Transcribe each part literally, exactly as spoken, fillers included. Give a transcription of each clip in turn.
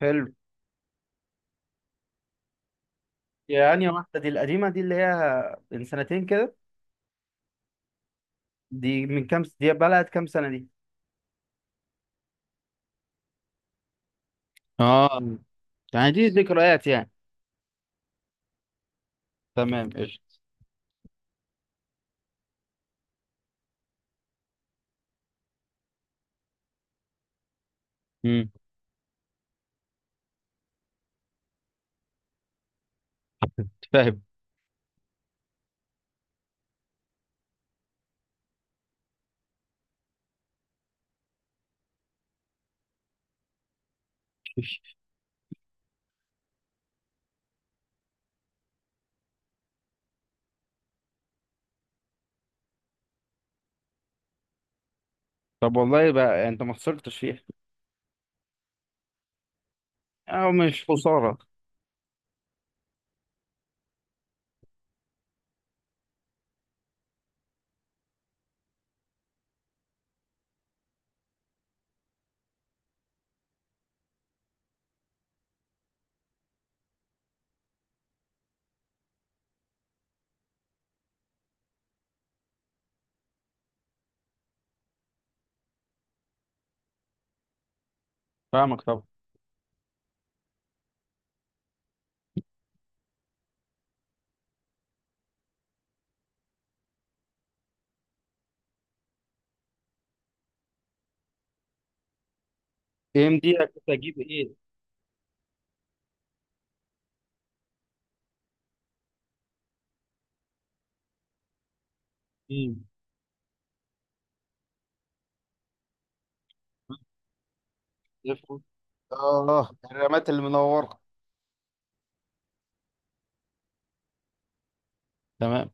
حلو. يعني واحدة دي القديمة دي اللي هي من سنتين كده. دي من كام س- دي بقالها كام سنة دي؟ اه، مم. يعني دي ذكريات يعني. تمام، قشطة. امم. فاهم. طب والله بقى انت ما خسرتش فيها. او مش خساره. فاهمك طبعا. ام دي كنت اجيب ايه؟ امم. افرض. اه، الرامات اللي منورة. تمام.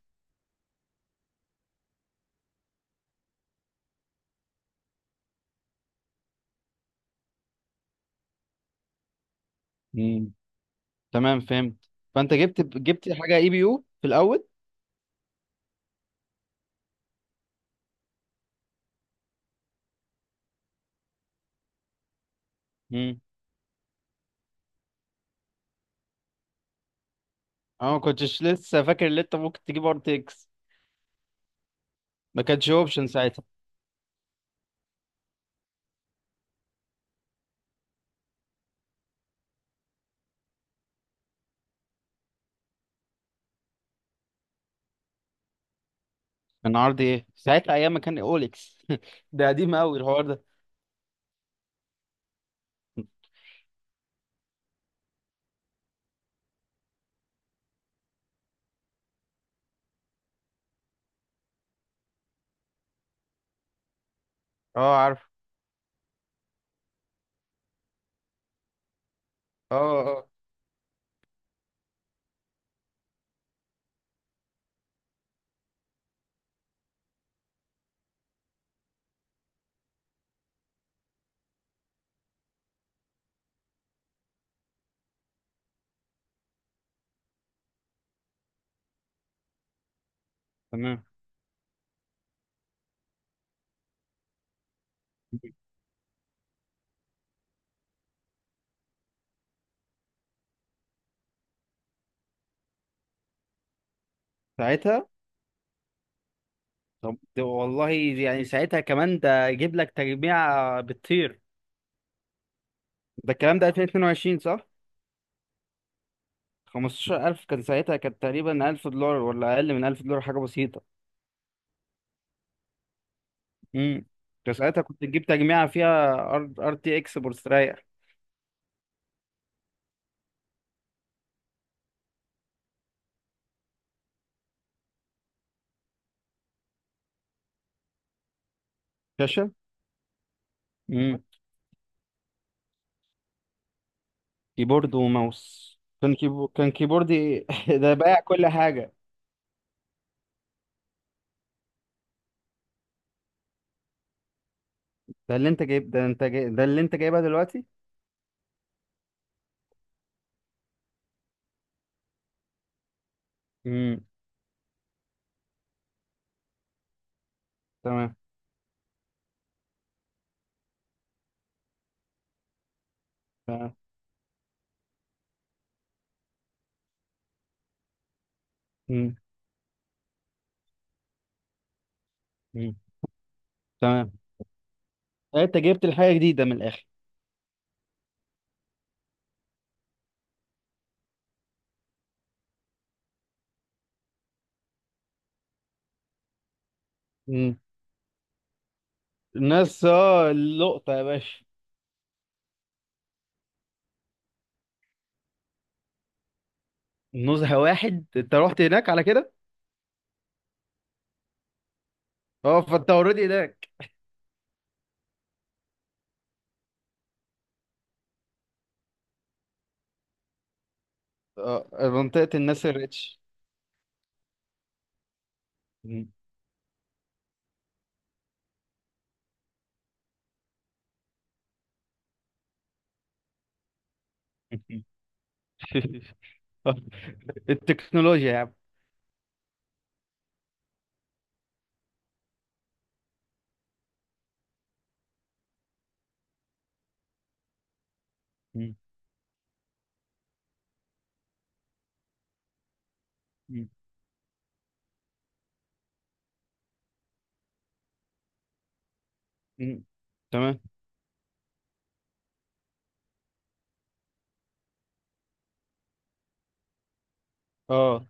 امم. تمام، فهمت. فانت جبت جبت حاجه اي بي يو في الاول. امم. انا ما كنتش لسه فاكر ان انت ممكن تجيب ار تي اكس. ما كانتش اوبشن ساعتها. كان عرض ايه ساعتها ايام ما كان اوليكس؟ ده قديم قوي الحوار ده. اه، عارف. اه اه. تمام ساعتها. طب ده والله يعني ساعتها كمان ده جيب لك تجميع بتطير. ده الكلام ده ألفين واتنين وعشرين صح؟ خمستاشر ألف كان ساعتها، كانت تقريبا ألف دولار ولا اقل من ألف دولار، حاجه بسيطه. امم. ده ساعتها كنت تجيب تجميعه فيها ار تي اكس مستريح. شاشه. امم. كيبورد وماوس. كان كيبو... كان كيبوردي. ده بايع كل حاجه. ده اللي انت جايب ده انت جاي... ده اللي انت جايبها دلوقتي؟ امم. تمام. تمام. مم. امم. تمام. آه، انت جبت الحاجه جديده من الاخر. مم. الناس، اه اللقطه يا باشا. نزهه واحد انت رحت هناك على كده؟ اه، فانت اوريدي هناك. اه، منطقه الناس الريتش. مم. التكنولوجيا يا عم. مم. مم. تمام. اه،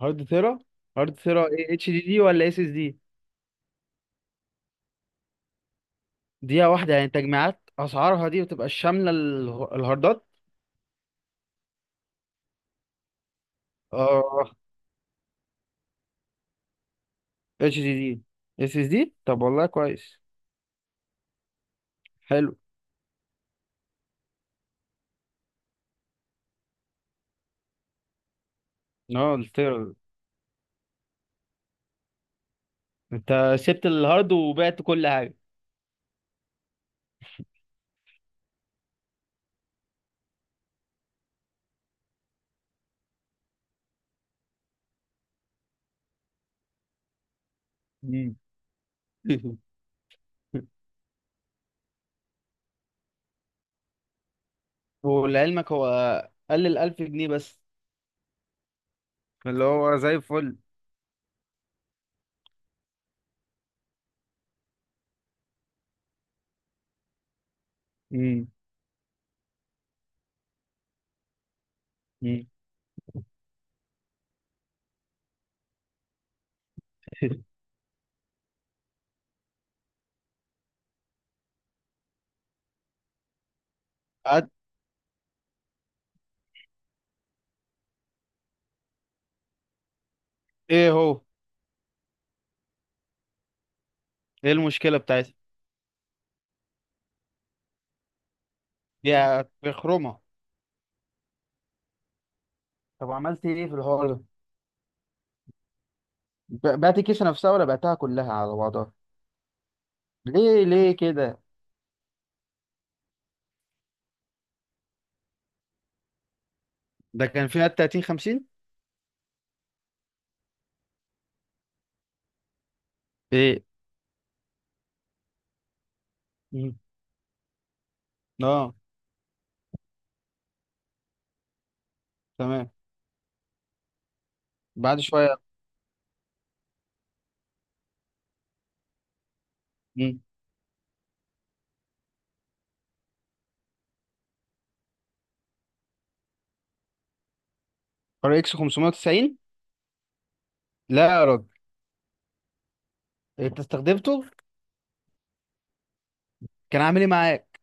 هارد ثيرا. هارد ثيرا ايه، اتش دي دي ولا اس اس دي؟ دقيقة واحدة، يعني تجميعات أسعارها دي بتبقى شاملة اله- الهاردات؟ اه. اتش دي دي، اس اس دي. طب والله كويس. حلو. اه، قلت. انت سبت الهارد وبعت كل حاجه. مم. ولعلمك هو قل الألف جنيه بس. اللي هو زي الفل. مم. مم. قعدت. ايه هو؟ ايه المشكلة بتاعتها؟ دي بخرومة. طب عملت ايه في الحوار ده؟ ب- بعت الكيسة نفسها ولا بعتها كلها على بعضها؟ ليه ليه كده؟ ده كان فيها تلاتين خمسين ايه؟ مم. اه. تمام. بعد شويه. مم. ار اكس خمسمائة وتسعين؟ لا يا راجل. انت استخدمته؟ كان عامل ايه معاك؟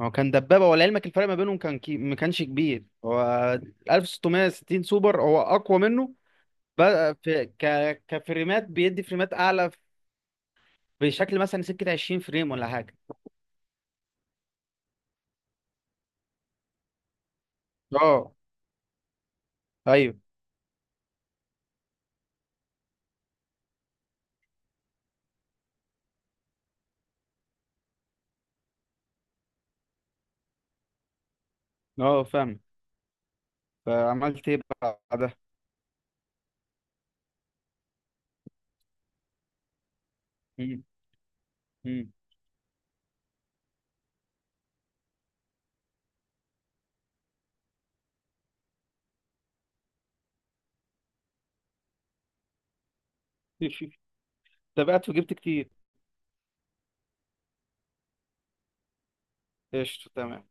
هو كان دبابه، ولعلمك الفرق ما بينهم كان كي... ما كانش كبير. هو ألف وستميه وستين سوبر هو اقوى منه. بقى في ك... كفريمات، بيدي فريمات اعلى. بشكل مثلا سكه عشرين فريم ولا حاجه. اه، ايوه. اه، فاهم. فعملت ايه بعدها؟ مم. مم. تابعت وجبت كتير. قشطه، تمام.